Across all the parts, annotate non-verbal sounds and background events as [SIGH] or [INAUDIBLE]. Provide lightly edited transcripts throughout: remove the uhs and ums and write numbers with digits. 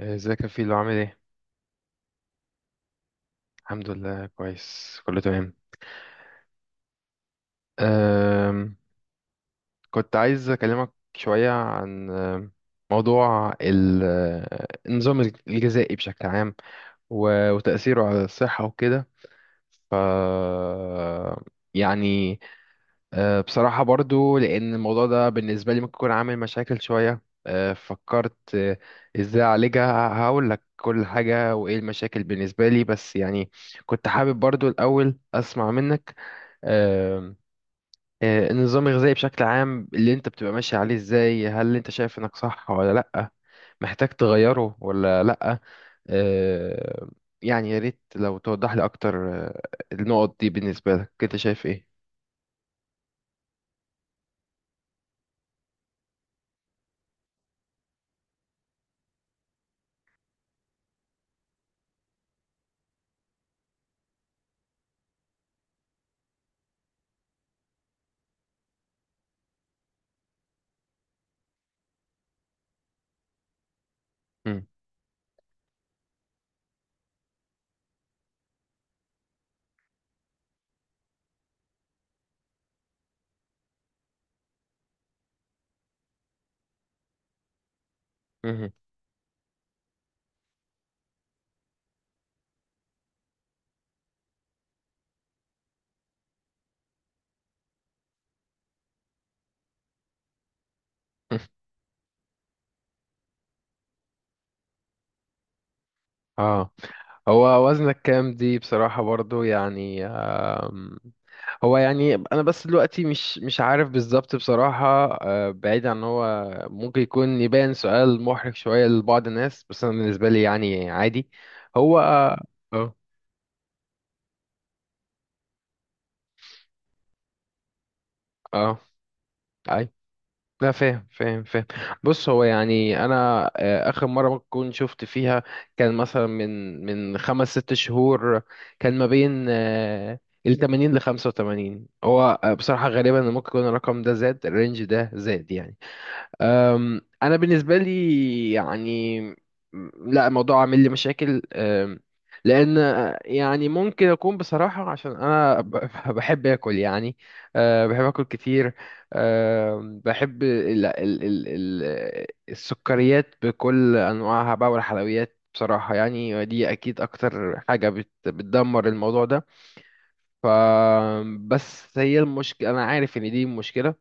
ازيك يا فيلو عامل ايه؟ الحمد لله كويس كله تمام. أم كنت عايز اكلمك شوية عن موضوع ال- أه، النظام الغذائي بشكل عام، وتأثيره على الصحة وكده. ف يعني، بصراحة برضو، لأن الموضوع ده بالنسبة لي ممكن يكون عامل مشاكل شوية. فكرت إزاي أعالجها، هقول لك كل حاجة وإيه المشاكل بالنسبة لي، بس يعني كنت حابب برضو الأول أسمع منك. أه، أه، النظام الغذائي بشكل عام اللي أنت بتبقى ماشي عليه إزاي، هل أنت شايف إنك صح ولا لأ، محتاج تغيره ولا لأ؟ أه، يعني يا ريت لو توضح لي أكتر النقط دي، بالنسبة لك أنت شايف إيه؟ مم. مهم. اه، هو وزنك كام؟ دي بصراحة برضو يعني، آم، هو يعني انا بس دلوقتي مش عارف بالظبط بصراحة. بعيد عن هو ممكن يكون يبان سؤال محرج شوية لبعض الناس، بس انا بالنسبة لي يعني عادي. هو اه، اه، آه، اي، لا فاهم فاهم فاهم. بص، هو يعني انا اخر مره ممكن كنت شفت فيها كان مثلا من خمس ست شهور. كان ما بين ال 80 ل 85. هو بصراحه غالبا ممكن يكون الرقم ده زاد، الرينج ده زاد يعني. انا بالنسبه لي يعني، لا الموضوع عامل لي مشاكل. لان يعني ممكن اكون بصراحه عشان انا [LAUGHS] بحب اكل يعني. بحب اكل كتير. بحب ال ال ال ال السكريات بكل انواعها بقى والحلويات بصراحه، يعني دي اكيد اكتر حاجه بتدمر الموضوع ده. ف بس هي المشكله، انا عارف ان دي مشكله،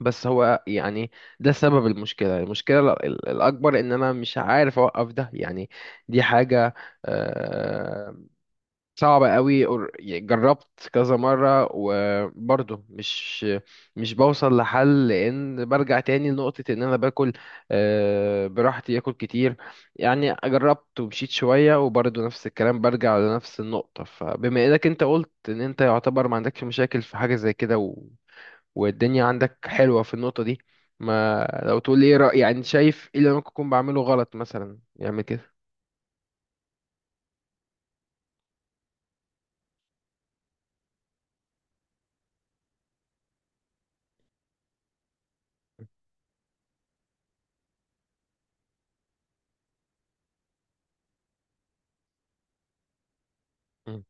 بس هو يعني ده سبب المشكلة. المشكلة الأكبر إن أنا مش عارف أوقف ده يعني. دي حاجة آه، صعبة قوي. يعني جربت كذا مرة وبرضه مش بوصل لحل، لأن برجع تاني لنقطة إن أنا باكل براحتي، آكل كتير. يعني جربت ومشيت شوية وبرضه نفس الكلام، برجع لنفس النقطة. فبما إنك أنت قلت إن أنت يعتبر ما عندكش مشاكل في حاجة زي كده والدنيا عندك حلوة في النقطة دي، ما لو تقول لي ايه رأي، يعني شايف ايه اللي أنا ممكن اكون بعمله غلط مثلا يعمل كده؟ مم.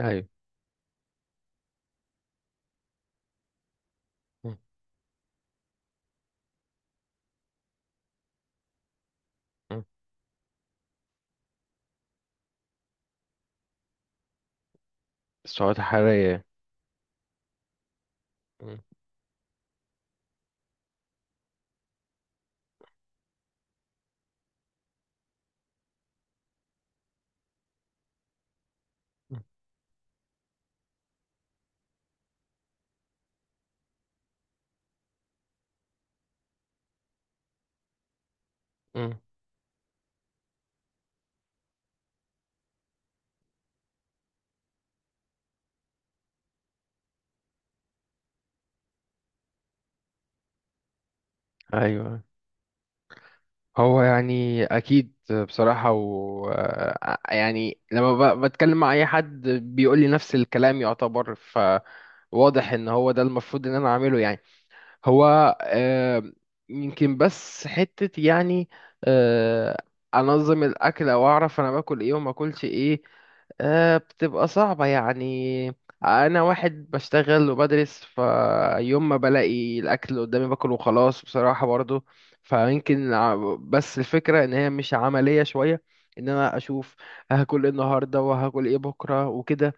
ايوه. مم. مم. السعوات الحرارية. مم. مم. مم. ايوه، هو يعني اكيد. بصراحة، و يعني لما بتكلم مع اي حد بيقول لي نفس الكلام يعتبر، فواضح ان هو ده المفروض ان انا اعمله يعني. هو آه، يمكن بس حتة يعني آه، أنظم الأكل، أو أعرف أنا باكل إيه وما أكلش إيه. بتبقى صعبة يعني. أنا واحد بشتغل وبدرس، فيوم ما بلاقي الأكل قدامي باكل وخلاص بصراحة برضو. فيمكن بس الفكرة إن هي مش عملية شوية، إن أنا أشوف هاكل إيه النهاردة وهاكل إيه بكرة وكده.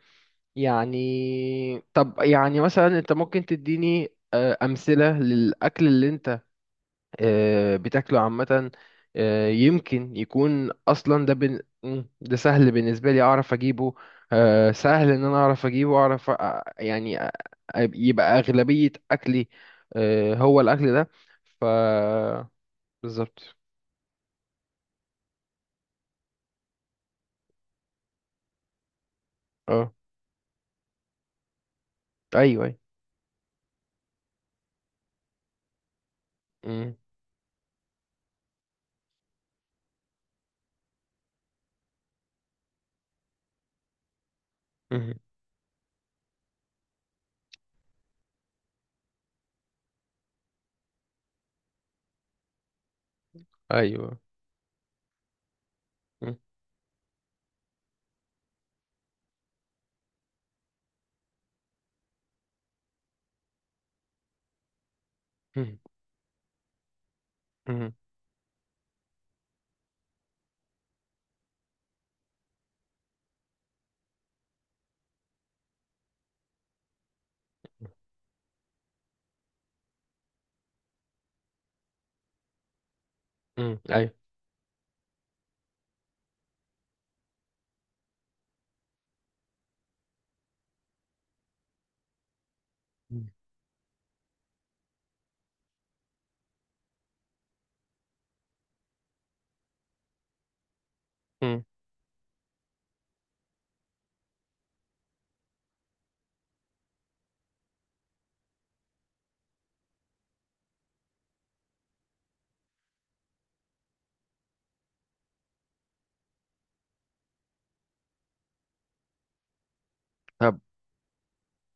يعني طب يعني مثلا انت ممكن تديني امثله للاكل اللي انت بتاكله عامه؟ يمكن يكون اصلا ده بن... مم، ده سهل بالنسبه لي اعرف اجيبه. سهل ان انا اعرف اجيبه اعرف يعني يبقى اغلبيه اكلي هو الاكل ده. ف بالظبط. اه، ايوه ايوه، مم، مم، ايوه، مم، مم، مم، مم، ايوه، مم. مم.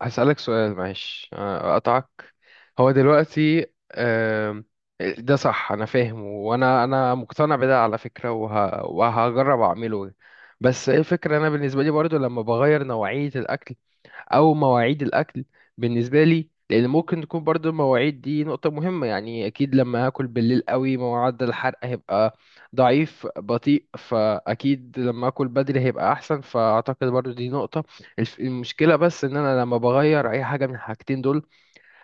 هسألك سؤال معلش، أقطعك. هو دلوقتي آم، ده صح، أنا فاهم، وأنا أنا مقتنع بده على فكرة، وهجرب أعمله. بس إيه الفكرة؟ أنا بالنسبة لي برضو لما بغير نوعية الأكل او مواعيد الاكل، بالنسبه لي، لان ممكن تكون برضو المواعيد دي نقطه مهمه، يعني اكيد لما هاكل بالليل قوي معدل الحرق هيبقى ضعيف بطيء، فاكيد لما اكل بدري هيبقى احسن، فاعتقد برضو دي نقطه. المشكله بس ان انا لما بغير اي حاجه من الحاجتين دول،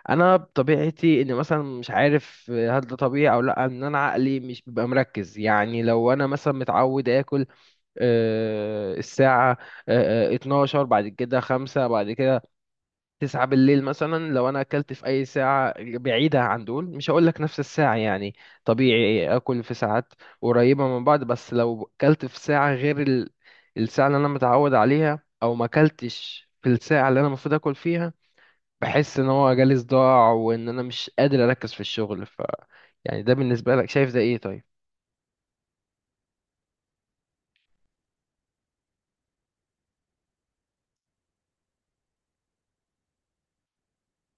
انا بطبيعتي ان مثلا، مش عارف هل ده طبيعي او لا، ان انا عقلي مش بيبقى مركز، يعني لو انا مثلا متعود اكل الساعه 12 بعد كده 5 بعد كده 9 بالليل مثلا، لو انا اكلت في اي ساعة بعيدة عن دول، مش هقول لك نفس الساعة يعني، طبيعي اكل في ساعات قريبة من بعض، بس لو اكلت في ساعة غير الساعة اللي انا متعود عليها، او ما اكلتش في الساعة اللي انا المفروض اكل فيها، بحس ان هو جالي صداع وان انا مش قادر اركز في الشغل. يعني ده بالنسبة لك شايف ده ايه طيب؟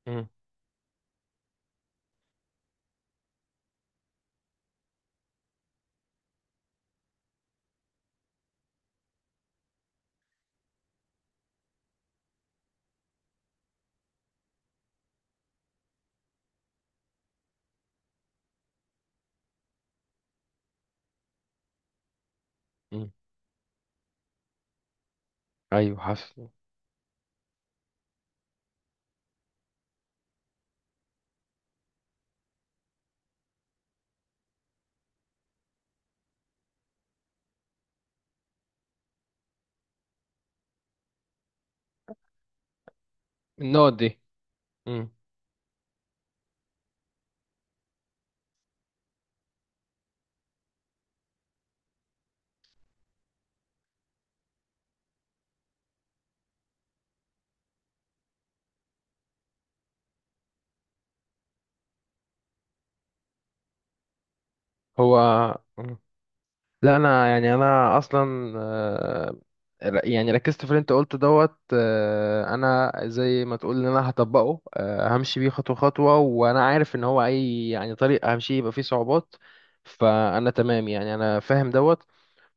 مم. مم. ايوه حصل. النقط دي. مم. هو، لا انا يعني انا اصلا يعني ركزت في اللي انت قلته دوت، انا زي ما تقول ان انا هطبقه، همشي بيه خطوه خطوه، وانا عارف ان هو اي يعني طريق همشي يبقى فيه صعوبات، فانا تمام يعني، انا فاهم دوت،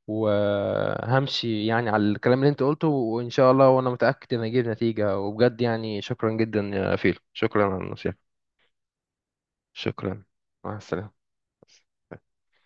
وهمشي يعني على الكلام اللي انت قلته وان شاء الله، وانا متاكد ان اجيب نتيجه وبجد. يعني شكرا جدا يا فيل، شكرا على النصيحه. شكرا. مع السلامه.